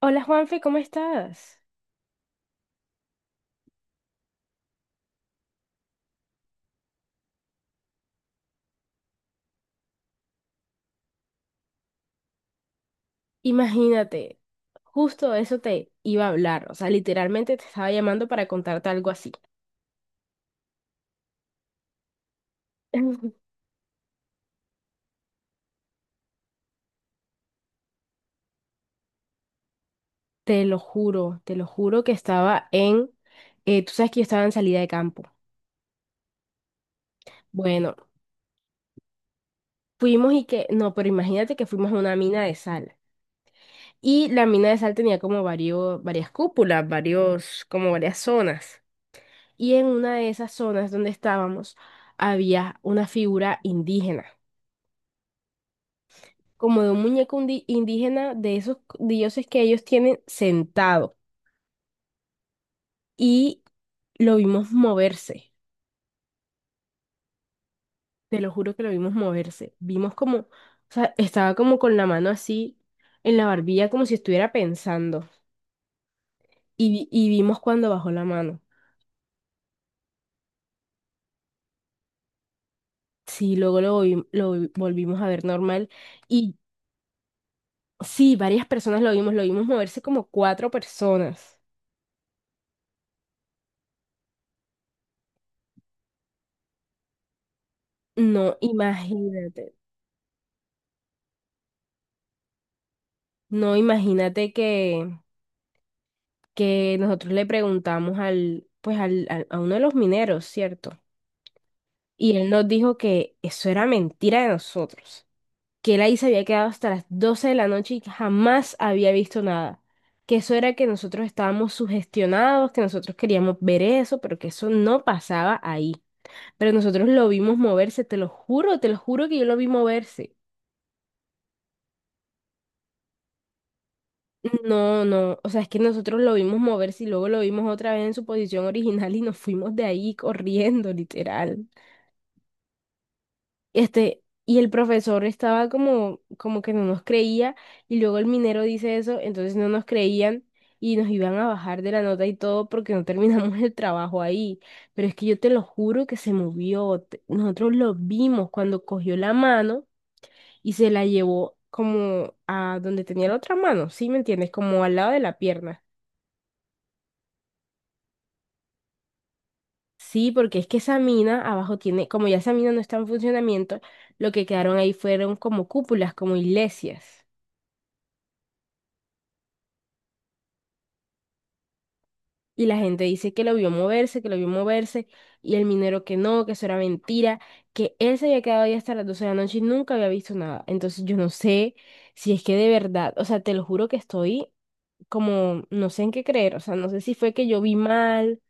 Hola, Juanfe, ¿cómo estás? Imagínate, justo eso te iba a hablar, o sea, literalmente te estaba llamando para contarte algo así. Te lo juro, tú sabes que yo estaba en salida de campo. Bueno, fuimos y que, no, pero imagínate que fuimos a una mina de sal. Y la mina de sal tenía como varias cúpulas, varios, como varias zonas. Y en una de esas zonas donde estábamos había una figura indígena, como de un muñeco indígena, de esos dioses que ellos tienen sentado. Y lo vimos moverse, te lo juro que lo vimos moverse. Vimos como, o sea, estaba como con la mano así en la barbilla, como si estuviera pensando. Y, y vimos cuando bajó la mano. Sí, luego volvimos a ver normal. Y sí, varias personas lo vimos moverse, como cuatro personas. No, imagínate, no, imagínate que nosotros le preguntamos al, pues a uno de los mineros, ¿cierto? Y él nos dijo que eso era mentira de nosotros, que él ahí se había quedado hasta las 12 de la noche y que jamás había visto nada, que eso era que nosotros estábamos sugestionados, que nosotros queríamos ver eso, pero que eso no pasaba ahí. Pero nosotros lo vimos moverse, te lo juro que yo lo vi moverse. No, no, o sea, es que nosotros lo vimos moverse y luego lo vimos otra vez en su posición original y nos fuimos de ahí corriendo, literal. Este, y el profesor estaba como, como que no nos creía, y luego el minero dice eso, entonces no nos creían y nos iban a bajar de la nota y todo porque no terminamos el trabajo ahí. Pero es que yo te lo juro que se movió. Nosotros lo vimos cuando cogió la mano y se la llevó como a donde tenía la otra mano, ¿sí me entiendes? Como al lado de la pierna. Sí, porque es que esa mina abajo tiene, como ya esa mina no está en funcionamiento, lo que quedaron ahí fueron como cúpulas, como iglesias. Y la gente dice que lo vio moverse, que lo vio moverse, y el minero que no, que eso era mentira, que él se había quedado ahí hasta las 12 de la noche y nunca había visto nada. Entonces yo no sé si es que de verdad, o sea, te lo juro que estoy como, no sé en qué creer, o sea, no sé si fue que yo vi mal.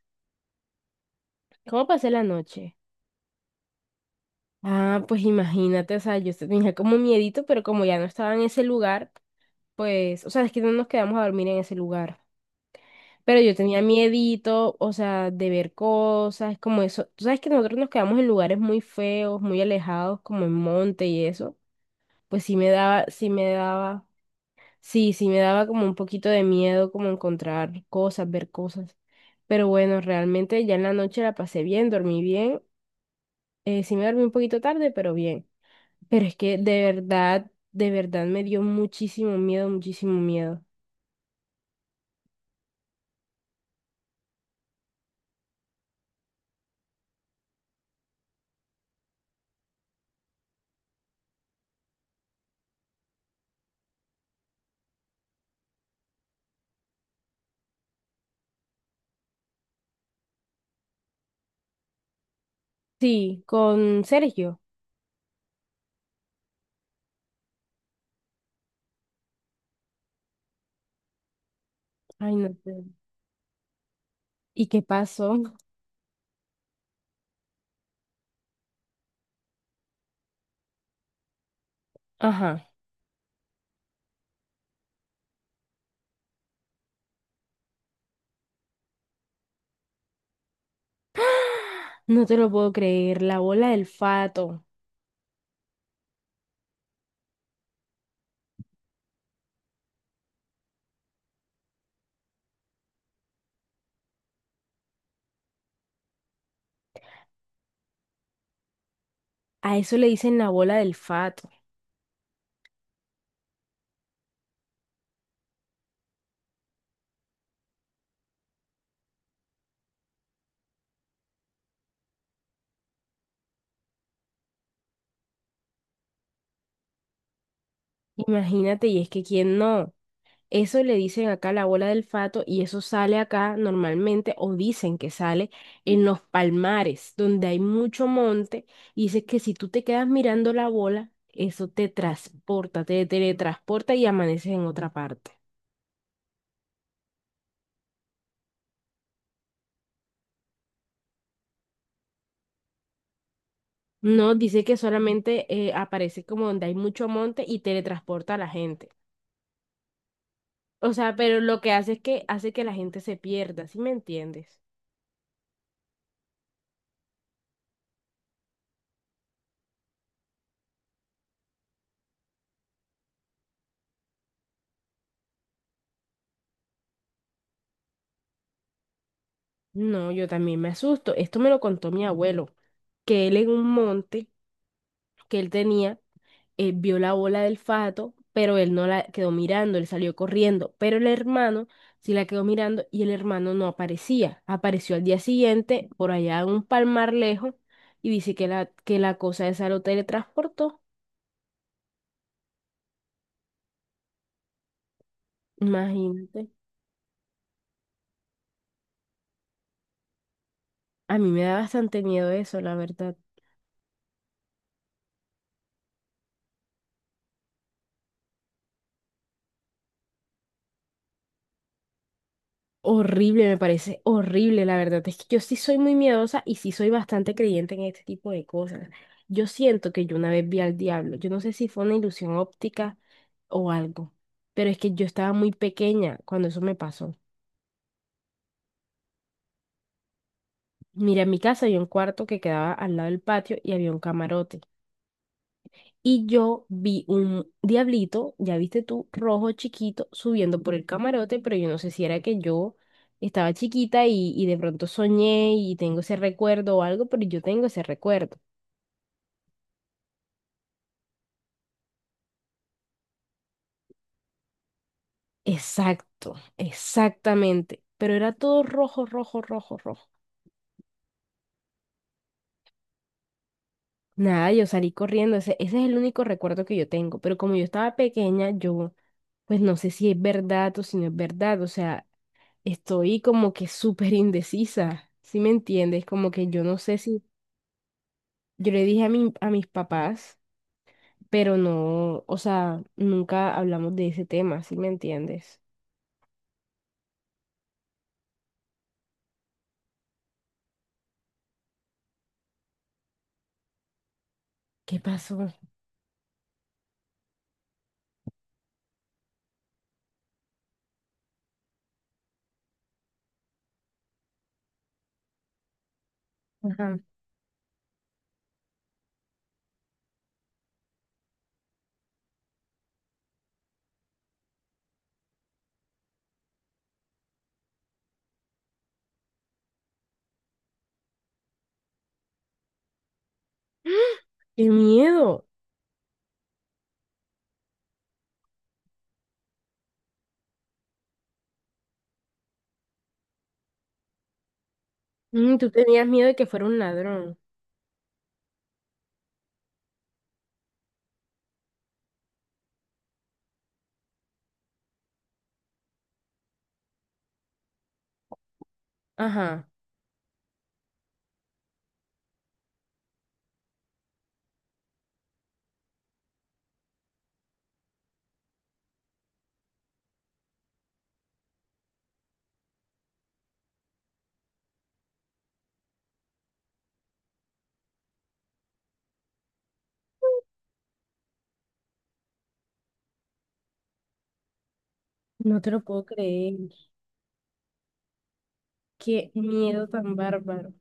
¿Cómo pasé la noche? Ah, pues imagínate, o sea, yo tenía como miedito, pero como ya no estaba en ese lugar, pues, o sea, es que no nos quedamos a dormir en ese lugar. Pero yo tenía miedito, o sea, de ver cosas, como eso. Tú sabes que nosotros nos quedamos en lugares muy feos, muy alejados, como en monte y eso. Pues sí me daba, sí me daba, sí, sí me daba como un poquito de miedo, como encontrar cosas, ver cosas. Pero bueno, realmente ya en la noche la pasé bien, dormí bien. Sí me dormí un poquito tarde, pero bien. Pero es que de verdad me dio muchísimo miedo, muchísimo miedo. Sí, con Sergio. Ay, no sé. ¿Y qué pasó? Ajá. No te lo puedo creer, la bola del fato. A eso le dicen la bola del fato. Imagínate, y es que quién no. Eso le dicen acá la bola del fato y eso sale acá normalmente, o dicen que sale en los palmares donde hay mucho monte, y dices que si tú te quedas mirando la bola, eso te transporta, te teletransporta y amaneces en otra parte. No, dice que solamente aparece como donde hay mucho monte y teletransporta a la gente. O sea, pero lo que hace es que hace que la gente se pierda, ¿sí me entiendes? No, yo también me asusto. Esto me lo contó mi abuelo, que él en un monte que él tenía, vio la bola del fato, pero él no la quedó mirando, él salió corriendo, pero el hermano sí la quedó mirando y el hermano no aparecía. Apareció al día siguiente por allá en un palmar lejos, y dice que que la cosa esa lo teletransportó. Imagínate. A mí me da bastante miedo eso, la verdad. Horrible, me parece horrible, la verdad. Es que yo sí soy muy miedosa y sí soy bastante creyente en este tipo de cosas. Yo siento que yo una vez vi al diablo. Yo no sé si fue una ilusión óptica o algo, pero es que yo estaba muy pequeña cuando eso me pasó. Mira, en mi casa había un cuarto que quedaba al lado del patio y había un camarote, y yo vi un diablito, ya viste tú, rojo chiquito, subiendo por el camarote, pero yo no sé si era que yo estaba chiquita y de pronto soñé y tengo ese recuerdo o algo, pero yo tengo ese recuerdo. Exacto, exactamente. Pero era todo rojo, rojo, rojo, rojo. Nada, yo salí corriendo, ese es el único recuerdo que yo tengo, pero como yo estaba pequeña, yo pues no sé si es verdad o si no es verdad, o sea, estoy como que súper indecisa, ¿sí me entiendes? Como que yo no sé si, yo le dije a mi, a mis papás, pero no, o sea, nunca hablamos de ese tema, ¿sí me entiendes? ¿Qué pasó? Ajá. ¡Qué miedo! Mm, tú tenías miedo de que fuera un ladrón. Ajá. No te lo puedo creer. Qué miedo tan bárbaro.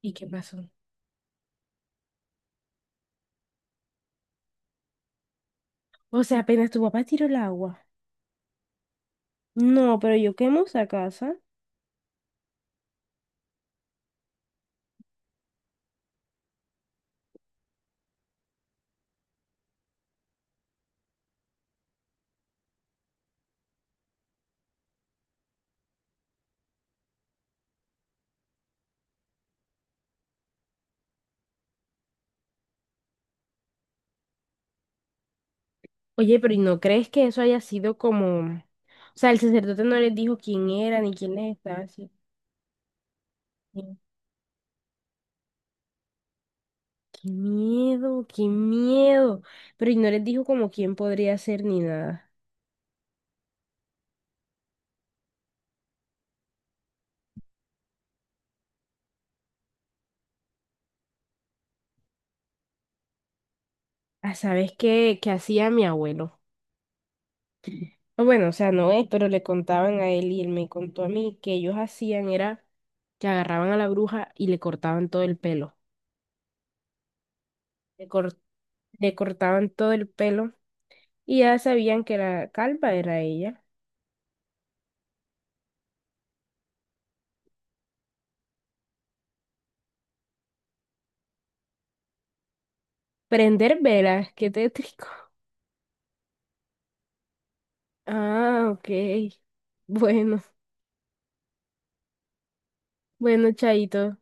¿Y qué pasó? O sea, apenas tu papá tiró el agua. No, pero yo quemo esa casa. Oye, pero ¿y no crees que eso haya sido como... O sea, el sacerdote no les dijo quién era ni quién les estaba así. Qué miedo, qué miedo. Pero ¿y no les dijo como quién podría ser ni nada? Ah, ¿sabes qué, qué hacía mi abuelo? O bueno, o sea, no es, pero le contaban a él y él me contó a mí que ellos hacían era que agarraban a la bruja y le cortaban todo el pelo. Le, cor- Le cortaban todo el pelo y ya sabían que la calva era ella. Prender velas, qué tétrico. Ah, ok. Bueno, bueno, Chaito.